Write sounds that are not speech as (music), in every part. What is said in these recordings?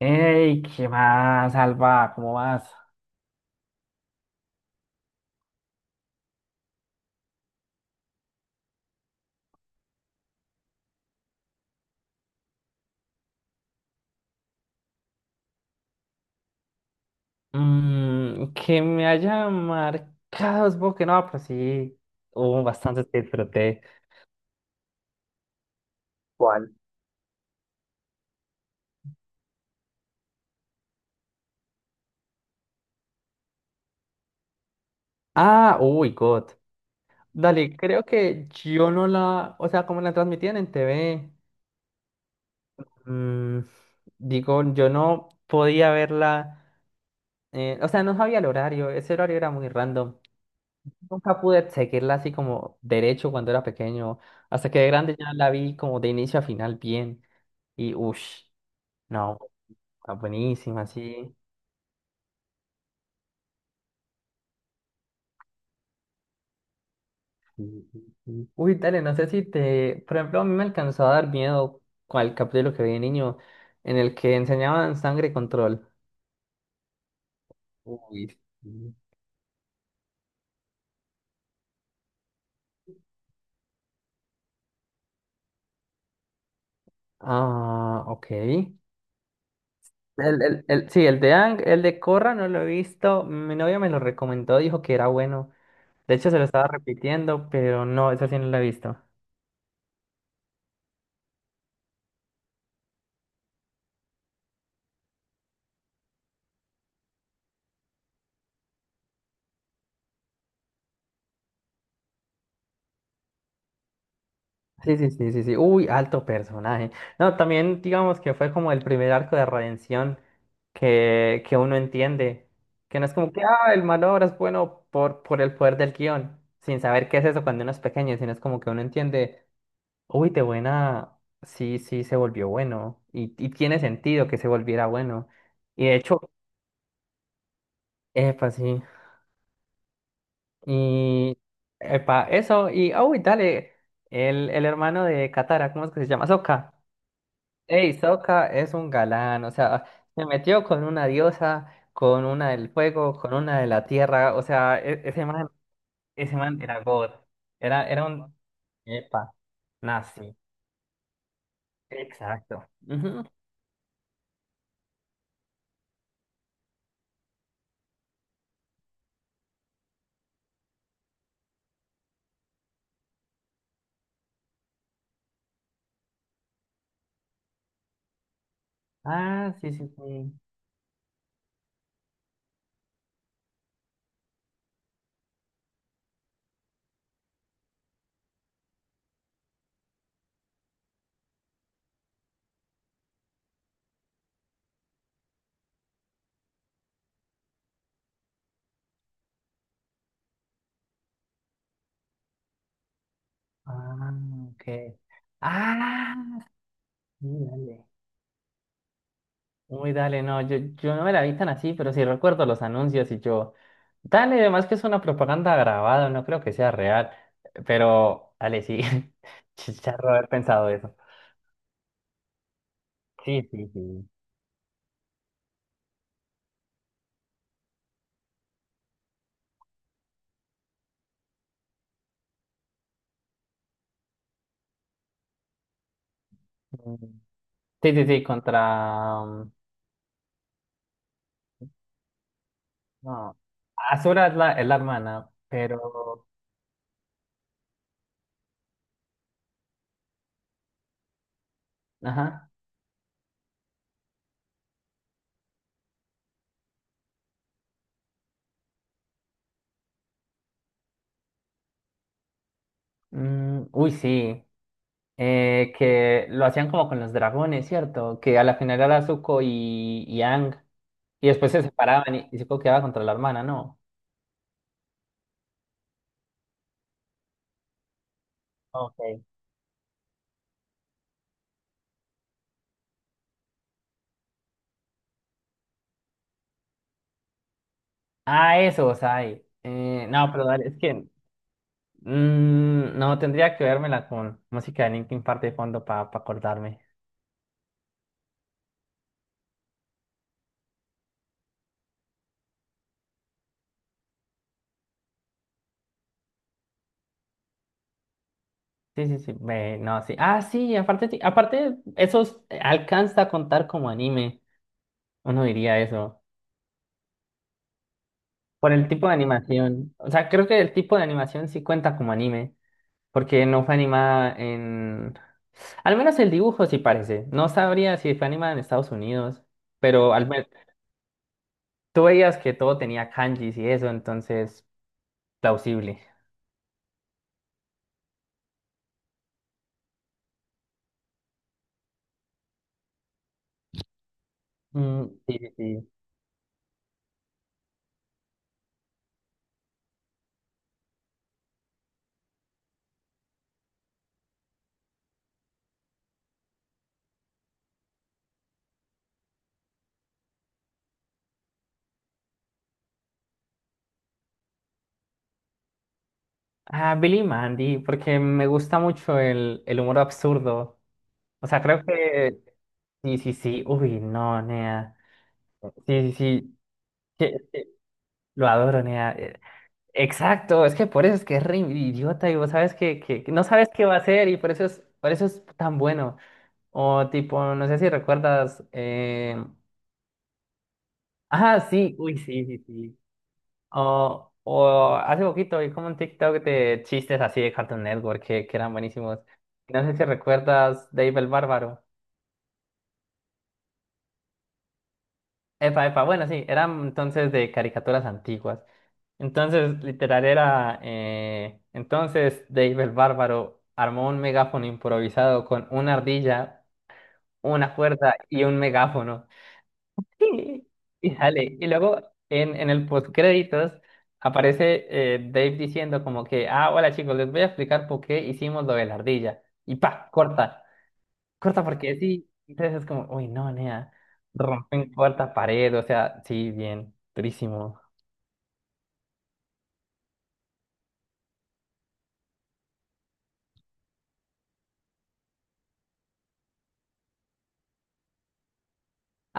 Hey, ¿qué más, Alba? ¿Cómo vas? Que me haya marcado, supongo que no, pero sí, hubo bastantes que disfruté. ¿Cuál? Ah, uy, God. Dale, creo que yo no la, o sea, como la transmitían en TV, mm, digo, yo no podía verla, o sea, no sabía el horario, ese horario era muy random. Nunca pude seguirla así como derecho cuando era pequeño. Hasta que de grande ya la vi como de inicio a final bien. Y uff, no, está buenísima, sí. Sí, sí, sí. Uy, dale, no sé si te. Por ejemplo, a mí me alcanzó a dar miedo con el capítulo que vi de niño, en el que enseñaban sangre y control. Uy, sí. Ah, ok. El, el, sí, el de Ang, el de corra no lo he visto. Mi novia me lo recomendó, dijo que era bueno. De hecho, se lo estaba repitiendo, pero no, esa sí no la he visto. Sí, sí, sí, sí, sí. Uy, alto personaje. No, también digamos que fue como el primer arco de redención que uno entiende. Que no es como que, ah, el malo ahora es bueno por el poder del guión, sin saber qué es eso cuando uno es pequeño, sino es como que uno entiende, uy, de buena, sí, sí, se volvió bueno. Y tiene sentido que se volviera bueno. Y de hecho, epa, sí. Y epa, eso, y oh, dale, el hermano de Katara, ¿cómo es que se llama? Sokka. Ey, Sokka es un galán, o sea, se metió con una diosa, con una del fuego, con una de la tierra, o sea, e- ese man era God, era un, epa, nazi, exacto. Ujú. Ah, sí, sí, sí. Ah, ok. Ah, sí, dale. Uy, dale, no, yo no me la vi tan así, pero sí recuerdo los anuncios y yo, dale, además que es una propaganda grabada, no creo que sea real, pero dale, sí, (laughs) chicharro haber pensado eso. Sí, sí, sí. Mm. Sí, sí, sí, contra... No. Azura es la hermana, pero... Ajá. Mm, uy, sí. Que lo hacían como con los dragones, ¿cierto? Que a la final era Zuko y Aang, y después se separaban y Zuko quedaba contra la hermana, ¿no? Ok. Ah, eso, o sea, y- no, pero dale, es que no tendría que vérmela con música de Linkin Park de fondo para acordarme. Sí, sí, sí, ve, no, sí. Ah, sí, aparte, ti- aparte, eso es- alcanza a contar como anime, uno diría eso, por el tipo de animación. O sea, creo que el tipo de animación sí cuenta como anime, porque no fue animada en... Al menos el dibujo sí parece. No sabría si fue animada en Estados Unidos, pero al, tú veías que todo tenía kanjis y eso, entonces, plausible. Mm, sí, sí, sí. Ah, Billy y Mandy, porque me gusta mucho el humor absurdo. O sea, creo que... Sí, sí, sí. Uy, no, Nea. Sí, sí, sí. Que- lo adoro, Nea. Exacto, es que por eso es que es re idiota y vos sabes que, que no sabes qué va a hacer y por eso es tan bueno. O tipo, no sé si recuerdas... Ah, sí, uy, sí, sí, sí. O hace poquito vi como un TikTok de chistes así de Cartoon Network que eran buenísimos. No sé si recuerdas Dave el Bárbaro. Epa, epa, bueno, sí, eran entonces de caricaturas antiguas. Entonces, literal era, entonces Dave el Bárbaro armó un megáfono improvisado con una ardilla, una cuerda y un megáfono. Sí. Y sale. Y luego en el postcréditos aparece Dave diciendo como que, ah, hola chicos, les voy a explicar por qué hicimos lo de la ardilla. Y pa, corta. Corta porque sí. Entonces es como, uy, no, nea. Rompen cuarta pared, o sea, sí, bien, durísimo.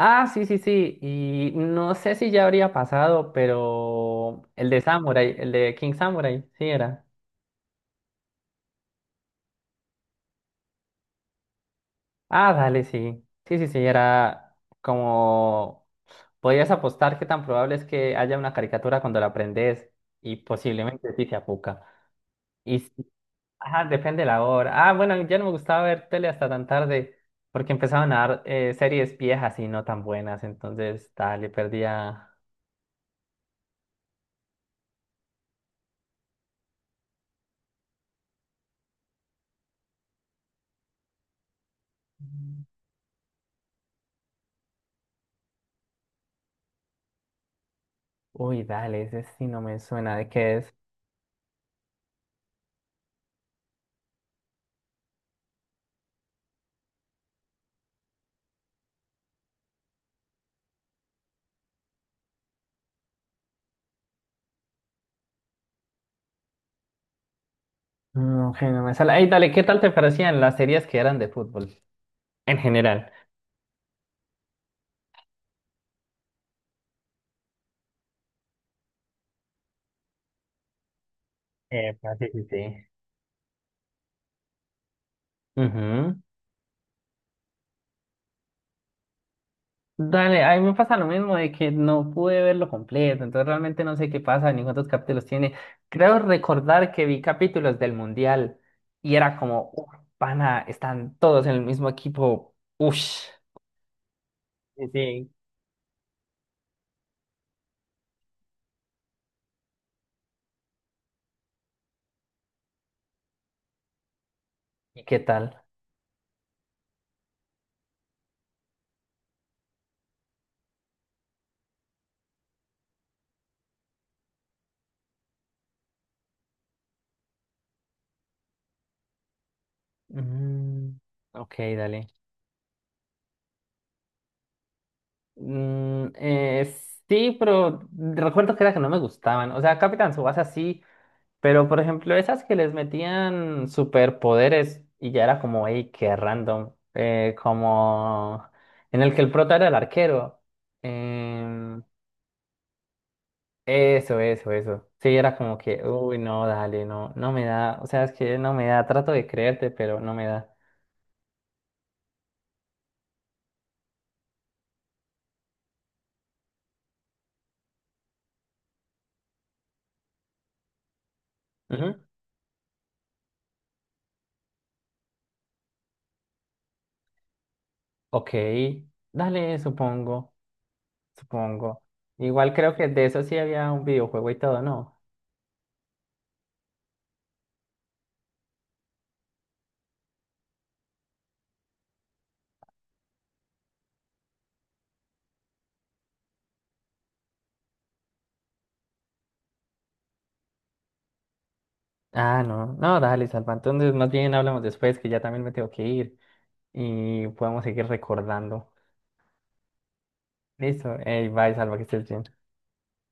Ah, sí, sí, sí. Y no sé si ya habría pasado, pero el de Samurai, el de King Samurai, sí era. Ah, dale, sí. Sí, sí, sí, era como podrías apostar que tan probable es que haya una caricatura cuando la aprendes y posiblemente sí se apuca. Y si- ajá, depende de la hora. Ah, bueno, ya no me gustaba ver tele hasta tan tarde porque empezaban a dar series viejas y no tan buenas. Entonces, dale, perdía. Uy, dale, ese sí no me suena de qué es. No, que no me sale. Ay, dale, ¿qué tal te parecían las series que eran de fútbol en general? Sí, sí, sí. Ujú. Dale, a mí me pasa lo mismo de que no pude verlo completo, entonces realmente no sé qué pasa ni cuántos capítulos tiene. Creo recordar que vi capítulos del Mundial y era como, "Uf, pana, están todos en el mismo equipo, uff, sí, sí. ¿Y qué tal? Mm, ok, dale. Mm, eh, sí, pero recuerdo que era que no me gustaban, o sea, Capitán Tsubasa sí, pero, por ejemplo, esas que les metían superpoderes y ya era como, hey, qué random. Como en el que el prota era el arquero. em, Eso, eso, eso. Sí, era como que, uy, no, dale, no, no me da. O sea, es que no me da. Trato de creerte, pero no me da. Ujú, ok, dale, supongo, supongo. Igual creo que de eso sí había un videojuego y todo, ¿no? Ah, no, no, dale, Salva. Entonces, más bien hablamos después, que ya también me tengo que ir. Y podamos seguir recordando. Listo, ey, bye, Salva, que estés bien.